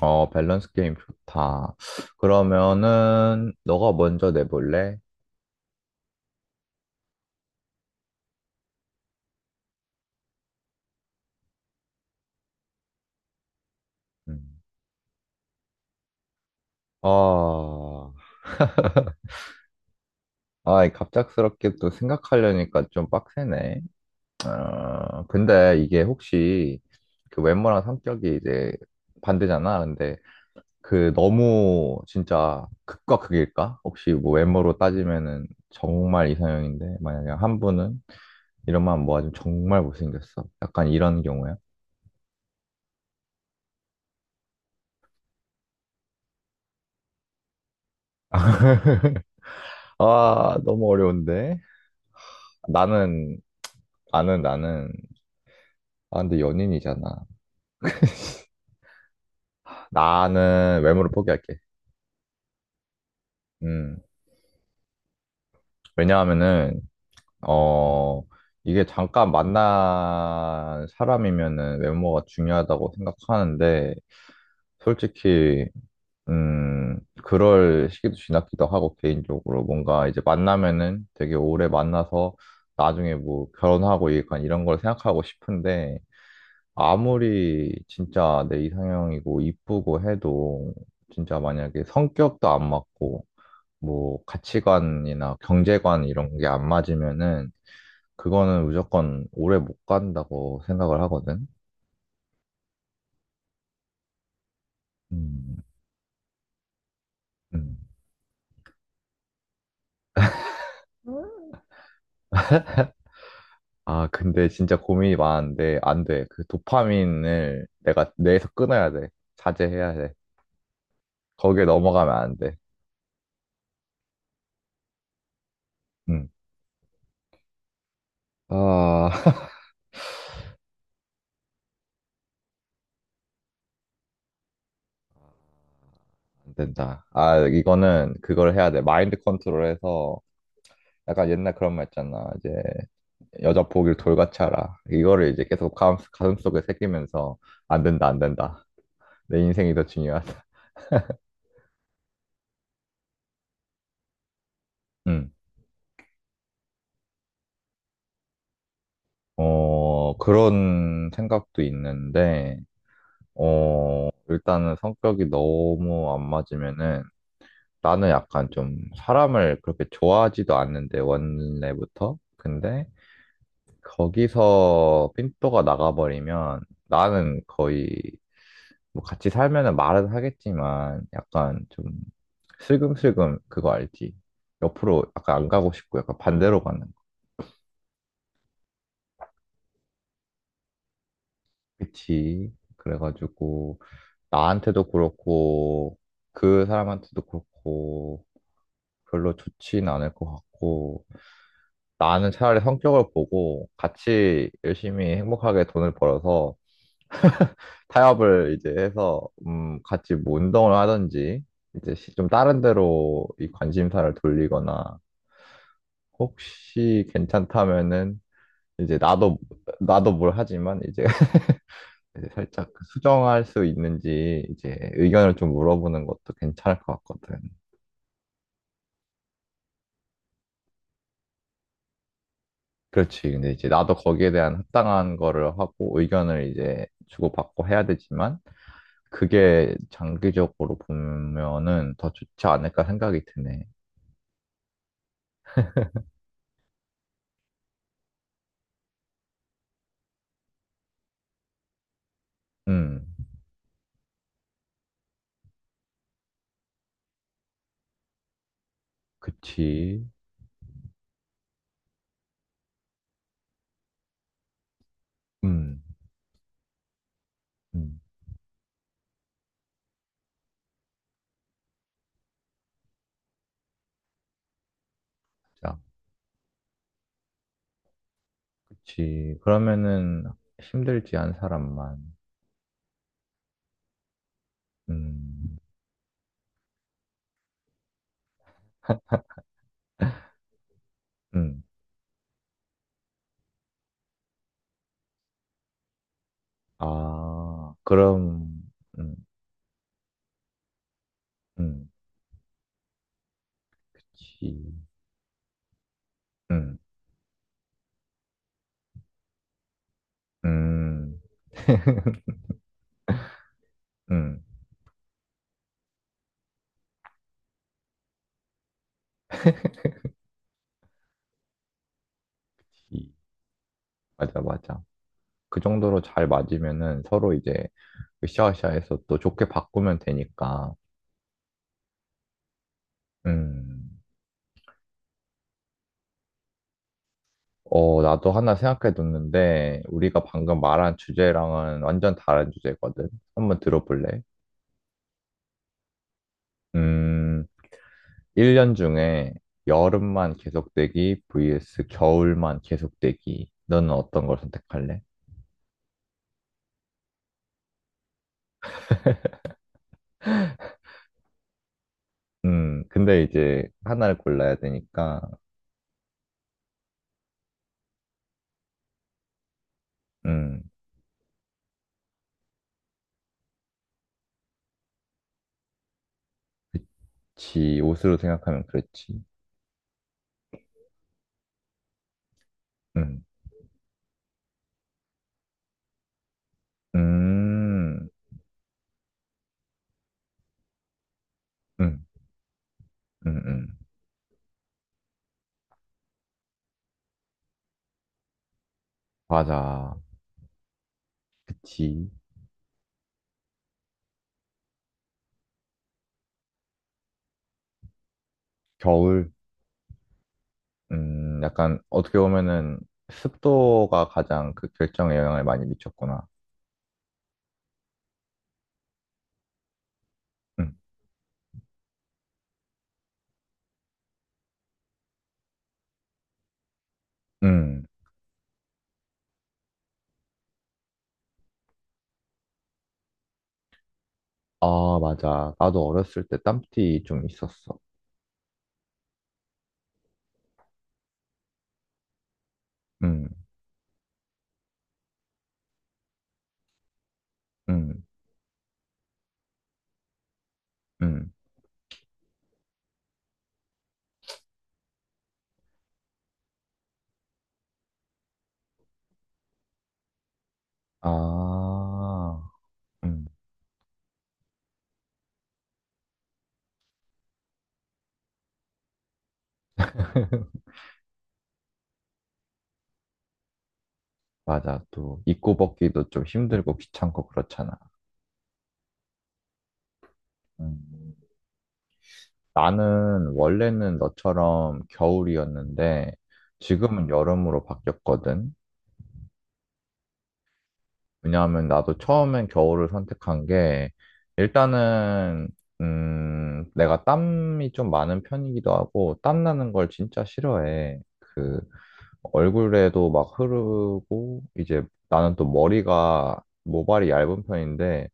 어, 밸런스 게임 좋다. 그러면은, 너가 먼저 내볼래? 음. 아, 갑작스럽게 또 생각하려니까 좀 빡세네. 어, 근데 이게 혹시 그 외모랑 성격이 이제 반대잖아. 근데 그 너무 진짜 극과 극일까? 혹시 뭐 외모로 따지면은 정말 이상형인데, 만약에 한 분은 이런만 모아주면 정말 못생겼어. 약간 이런 경우야. 아, 너무 어려운데. 나는, 나는, 나는, 아, 근데 연인이잖아. 나는 외모를 포기할게. 음. 왜냐하면은, 어, 이게 잠깐 만난 사람이면은 외모가 중요하다고 생각하는데, 솔직히, 그럴 시기도 지났기도 하고, 개인적으로. 뭔가 이제 만나면은 되게 오래 만나서 나중에 뭐 결혼하고 약간 이런 걸 생각하고 싶은데, 아무리 진짜 내 이상형이고 이쁘고 해도 진짜 만약에 성격도 안 맞고 뭐 가치관이나 경제관 이런 게 안 맞으면은 그거는 무조건 오래 못 간다고 생각을 하거든. 음, 음. 음. 아, 근데 진짜 고민이 많은데 안 돼. 그 도파민을 내가 뇌에서 끊어야 돼. 자제해야 돼. 거기에 넘어가면 안 돼. 음. 아, 안 된다. 아, 이거는 그걸 해야 돼. 마인드 컨트롤해서 약간 옛날 그런 말 있잖아. 이제 여자 보길 돌같이 알아. 이거를 이제 계속 가슴속에 새기면서 안 된다, 안 된다. 내 인생이 더 중요하다. 음. 어, 그런 생각도 있는데, 어, 일단은 성격이 너무 안 맞으면은 나는 약간 좀 사람을 그렇게 좋아하지도 않는데, 원래부터. 근데 거기서 핀도가 나가버리면 나는 거의 뭐 같이 살면은 말은 하겠지만 약간 좀 슬금슬금 그거 알지? 옆으로 약간 안 가고 싶고 약간 반대로 가는 거. 그치? 그래가지고 나한테도 그렇고 그 사람한테도 그렇고 별로 좋진 않을 것 같고 나는 차라리 성격을 보고 같이 열심히 행복하게 돈을 벌어서 타협을 이제 해서 같이 뭐 운동을 하든지 이제 좀 다른 데로 이 관심사를 돌리거나 혹시 괜찮다면은 이제 나도 나도 뭘 하지만 이제 이제 살짝 그 수정할 수 있는지 이제 의견을 좀 물어보는 것도 괜찮을 것 같거든. 그렇지. 근데 이제 나도 거기에 대한 합당한 거를 하고 의견을 이제 주고받고 해야 되지만 그게 장기적으로 보면은 더 좋지 않을까 생각이 드네. 음, 그치. 음, 음, 자, 그치. 그러면은 힘들지 않은 사람만. 음, 음. 아, 그럼, 음, 음, 지, 음, 음, 음. 지. 맞아, 맞아. 그 정도로 잘 맞으면은 서로 이제 으쌰으쌰해서 또 좋게 바꾸면 되니까. 음. 어, 나도 하나 생각해뒀는데 우리가 방금 말한 주제랑은 완전 다른 주제거든. 한번 들어볼래? 음, 1년 중에 여름만 계속되기 vs 겨울만 계속되기. 너는 어떤 걸 선택할래? 근데 이제 하나를 골라야 되니까, 음, 지 옷으로 생각하면 그렇지. 음, 음, 음, 음, 음. 맞아. 그치. 겨울, 약간 어떻게 보면은 습도가 가장 그 결정에 영향을 많이 미쳤구나. 음, 음. 아, 맞아. 나도 어렸을 때 땀띠 좀 있었어. 음, 음, 음. 아, 음. 맞아. 또 입고 벗기도 좀 힘들고 귀찮고 그렇잖아. 음, 나는 원래는 너처럼 겨울이었는데 지금은 여름으로 바뀌었거든. 왜냐하면 나도 처음엔 겨울을 선택한 게 일단은 내가 땀이 좀 많은 편이기도 하고 땀 나는 걸 진짜 싫어해. 그 얼굴에도 막 흐르고 이제 나는 또 머리가 모발이 얇은 편인데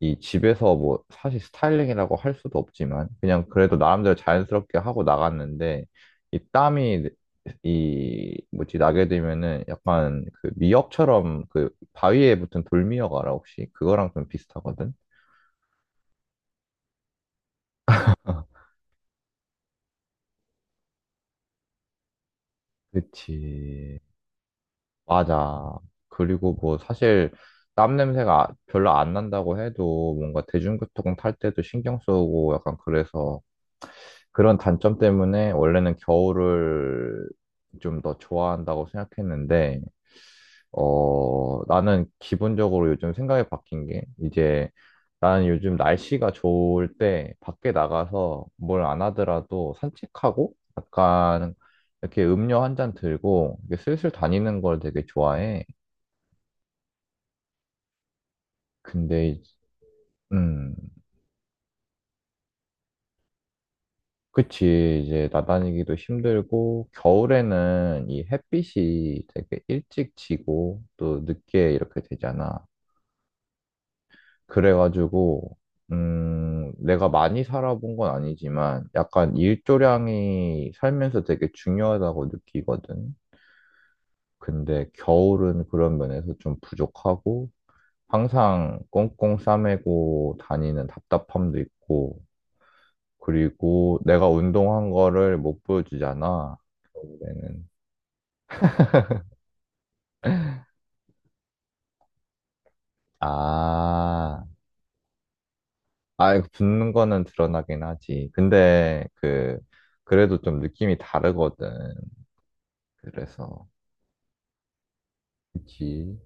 이 집에서 뭐 사실 스타일링이라고 할 수도 없지만 그냥 그래도 나름대로 자연스럽게 하고 나갔는데 이 땀이 이 뭐지 나게 되면은 약간 그 미역처럼 그 바위에 붙은 돌미역 알아 혹시? 그거랑 좀 비슷하거든. 그치. 맞아. 그리고 뭐 사실 땀 냄새가 별로 안 난다고 해도 뭔가 대중교통 탈 때도 신경 쓰고 약간 그래서 그런 단점 때문에 원래는 겨울을 좀 더 좋아한다고 생각했는데, 어, 나는 기본적으로 요즘 생각이 바뀐 게, 이제 나는 요즘 날씨가 좋을 때 밖에 나가서 뭘 안 하더라도 산책하고 약간 이렇게 음료 한 잔 들고 이렇게 슬슬 다니는 걸 되게 좋아해. 근데, 이- 음, 그치, 이제 나다니기도 힘들고, 겨울에는 이 햇빛이 되게 일찍 지고, 또 늦게 이렇게 되잖아. 그래가지고, 내가 많이 살아본 건 아니지만, 약간 일조량이 살면서 되게 중요하다고 느끼거든. 근데 겨울은 그런 면에서 좀 부족하고, 항상 꽁꽁 싸매고 다니는 답답함도 있고, 그리고 내가 운동한 거를 못 보여주잖아. 아, 이거 붙는 거는 드러나긴 하지. 그래도 좀 느낌이 다르거든. 그래서. 그치.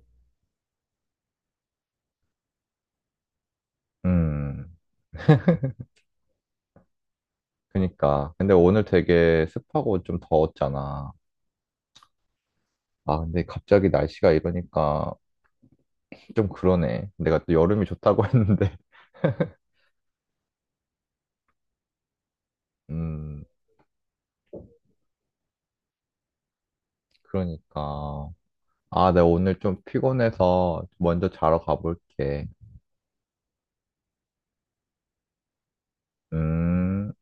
음, 그니까. 근데 오늘 되게 습하고 좀 더웠잖아. 아, 근데 갑자기 날씨가 이러니까 좀 그러네. 내가 또 여름이 좋다고 했는데. 음, 그러니까. 아, 내가 오늘 좀 피곤해서 먼저 자러 가볼게. 음.